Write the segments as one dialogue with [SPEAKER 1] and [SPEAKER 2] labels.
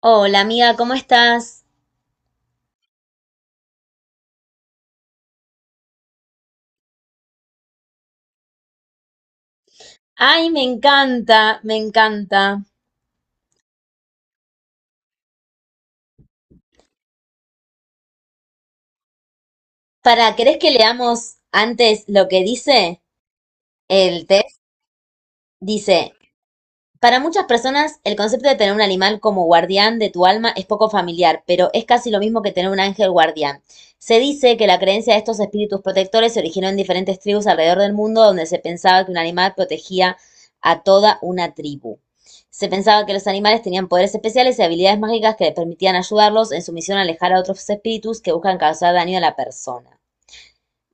[SPEAKER 1] Hola amiga, ¿cómo estás? Ay, me encanta, me encanta. Para, ¿querés que leamos antes lo que dice el test? Dice, para muchas personas, el concepto de tener un animal como guardián de tu alma es poco familiar, pero es casi lo mismo que tener un ángel guardián. Se dice que la creencia de estos espíritus protectores se originó en diferentes tribus alrededor del mundo donde se pensaba que un animal protegía a toda una tribu. Se pensaba que los animales tenían poderes especiales y habilidades mágicas que les permitían ayudarlos en su misión a alejar a otros espíritus que buscan causar daño a la persona.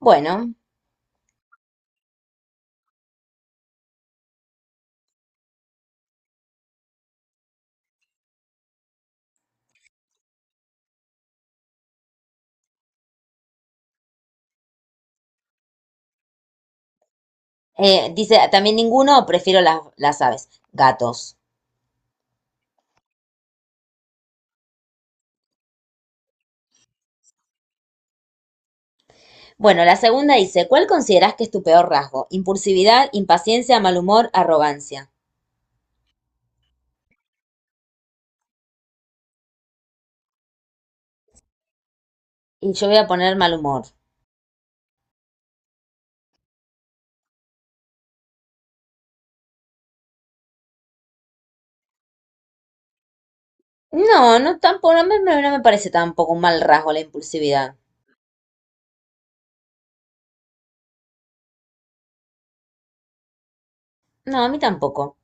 [SPEAKER 1] Bueno, dice también ninguno, prefiero las aves, gatos. Bueno, la segunda dice, ¿cuál considerás que es tu peor rasgo? Impulsividad, impaciencia, mal humor, arrogancia. Y yo voy a poner mal humor. No, no tampoco, no me, no me parece tampoco un mal rasgo la impulsividad. No, a mí tampoco.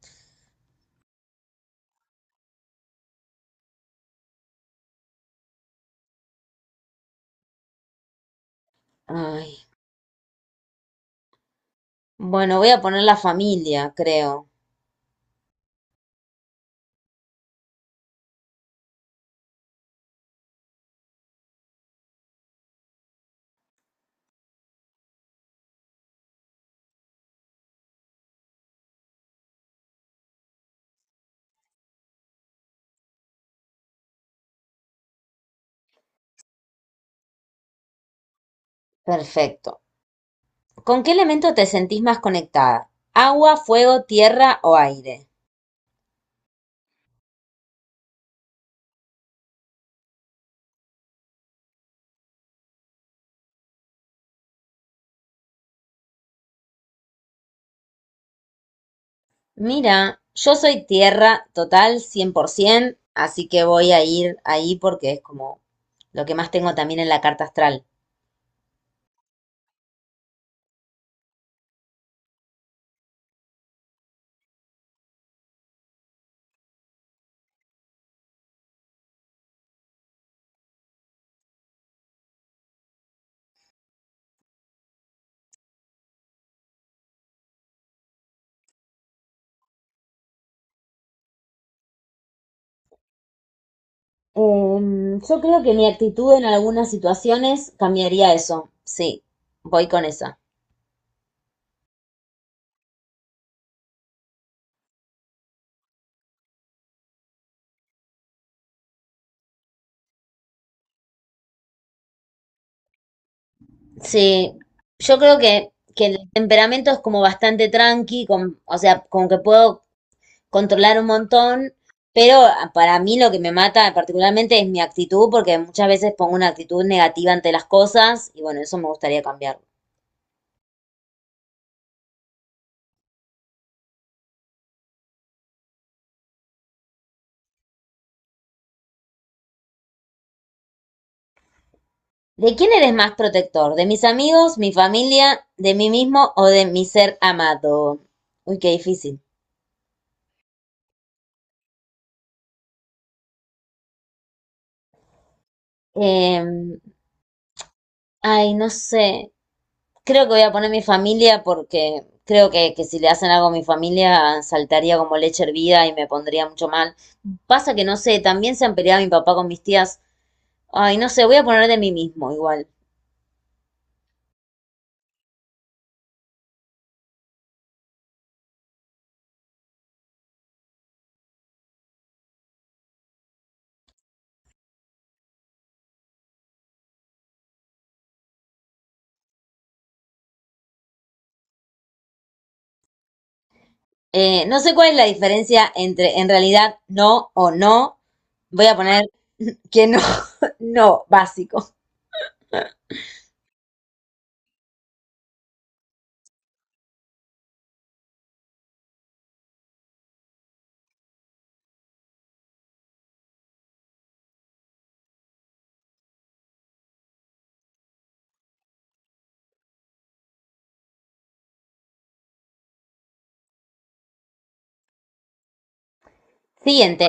[SPEAKER 1] Ay. Bueno, voy a poner la familia, creo. Perfecto. ¿Con qué elemento te sentís más conectada? ¿Agua, fuego, tierra o aire? Mira, yo soy tierra total 100%, así que voy a ir ahí porque es como lo que más tengo también en la carta astral. Yo creo que mi actitud en algunas situaciones cambiaría eso. Sí, voy con esa. Sí, yo creo que el temperamento es como bastante tranqui, con, o sea, como que puedo controlar un montón, pero para mí lo que me mata particularmente es mi actitud, porque muchas veces pongo una actitud negativa ante las cosas y bueno, eso me gustaría cambiarlo. ¿De quién eres más protector? ¿De mis amigos, mi familia, de mí mismo o de mi ser amado? Uy, qué difícil. Eh, Ay, no sé. Creo que voy a poner mi familia porque creo que si le hacen algo a mi familia saltaría como leche hervida y me pondría mucho mal. Pasa que no sé, también se han peleado mi papá con mis tías. Ay, no sé, voy a poner de mí mismo igual. No sé cuál es la diferencia entre en realidad no o no. Voy a poner que no, no, básico. Siguiente.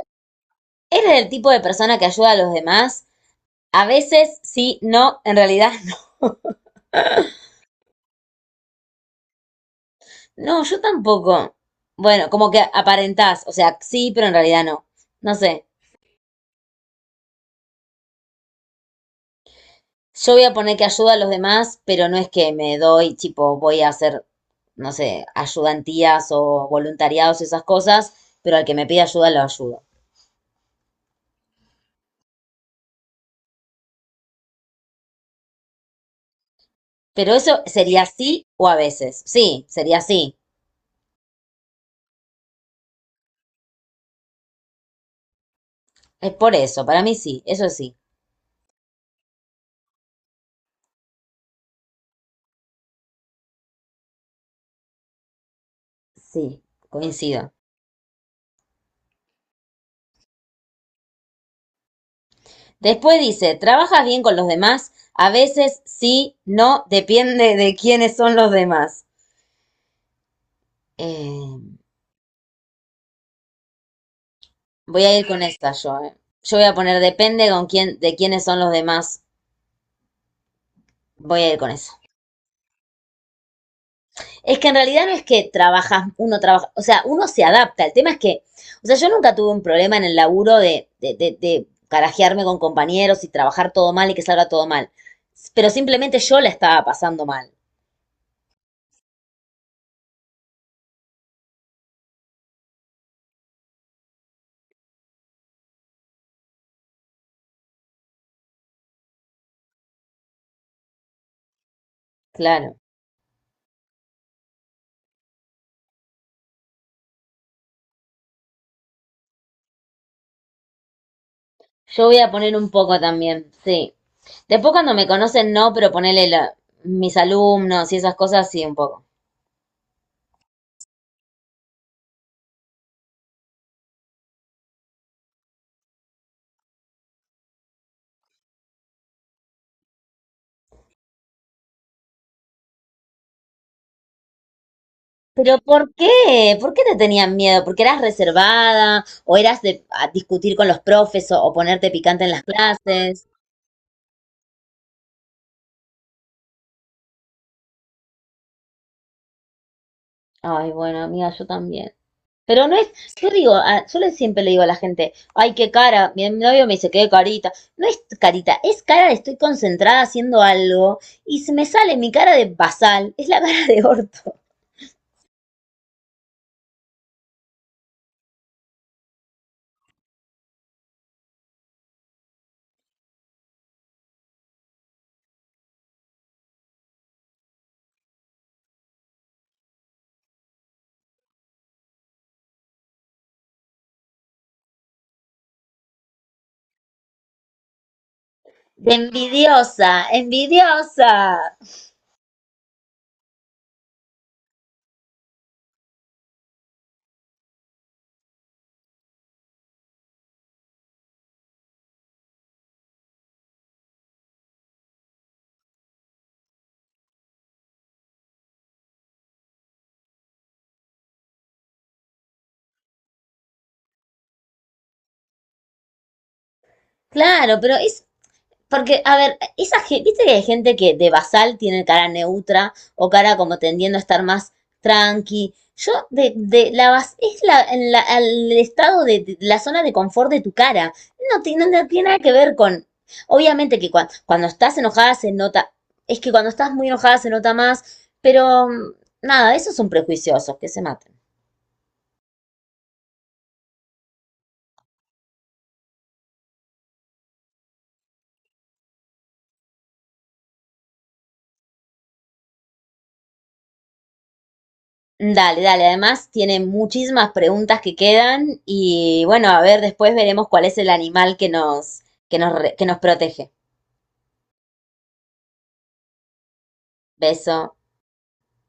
[SPEAKER 1] ¿Eres el tipo de persona que ayuda a los demás? A veces sí, no, en realidad. No, yo tampoco. Bueno, como que aparentás, o sea, sí, pero en realidad no. No sé. Yo voy a poner que ayuda a los demás, pero no es que me doy, tipo, voy a hacer, no sé, ayudantías o voluntariados, y esas cosas, pero al que me pide ayuda lo ayudo. Pero eso sería sí o a veces. Sí, sería sí. Es por eso, para mí sí, eso sí. Sí, coincido. Después dice, ¿trabajas bien con los demás? A veces sí, no, depende de quiénes son los demás. Eh, Voy a ir con esta yo, eh. Yo voy a poner depende con quién, de quiénes son los demás. Voy a ir con eso. Es que en realidad no es que trabajas, uno trabaja, o sea, uno se adapta. El tema es que, o sea, yo nunca tuve un problema en el laburo de carajearme con compañeros y trabajar todo mal y que salga todo mal. Pero simplemente yo la estaba pasando mal. Claro. Yo voy a poner un poco también, sí. Después cuando me conocen, no, pero ponele mis alumnos y esas cosas, sí, un poco. Pero ¿por qué? ¿Por qué te tenían miedo? ¿Porque eras reservada o eras de a discutir con los profes o ponerte picante en las clases? Ay, bueno, amiga, yo también. Pero no es, yo digo, yo le siempre le digo a la gente, ay, qué cara, mi novio me dice, qué carita. No es carita, es cara de estoy concentrada haciendo algo y se me sale mi cara de basal, es la cara de orto, de envidiosa, envidiosa. Claro, pero es. Porque, a ver, esa, viste que hay gente que de basal tiene cara neutra o cara como tendiendo a estar más tranqui. Yo, de la es la, en el estado de la zona de confort de tu cara. No, no, no tiene nada que ver con. Obviamente que cuando estás enojada se nota. Es que cuando estás muy enojada se nota más. Pero nada, esos son prejuiciosos, que se maten. Dale, dale. Además, tiene muchísimas preguntas que quedan y bueno, a ver, después veremos cuál es el animal que nos, que nos protege. Beso.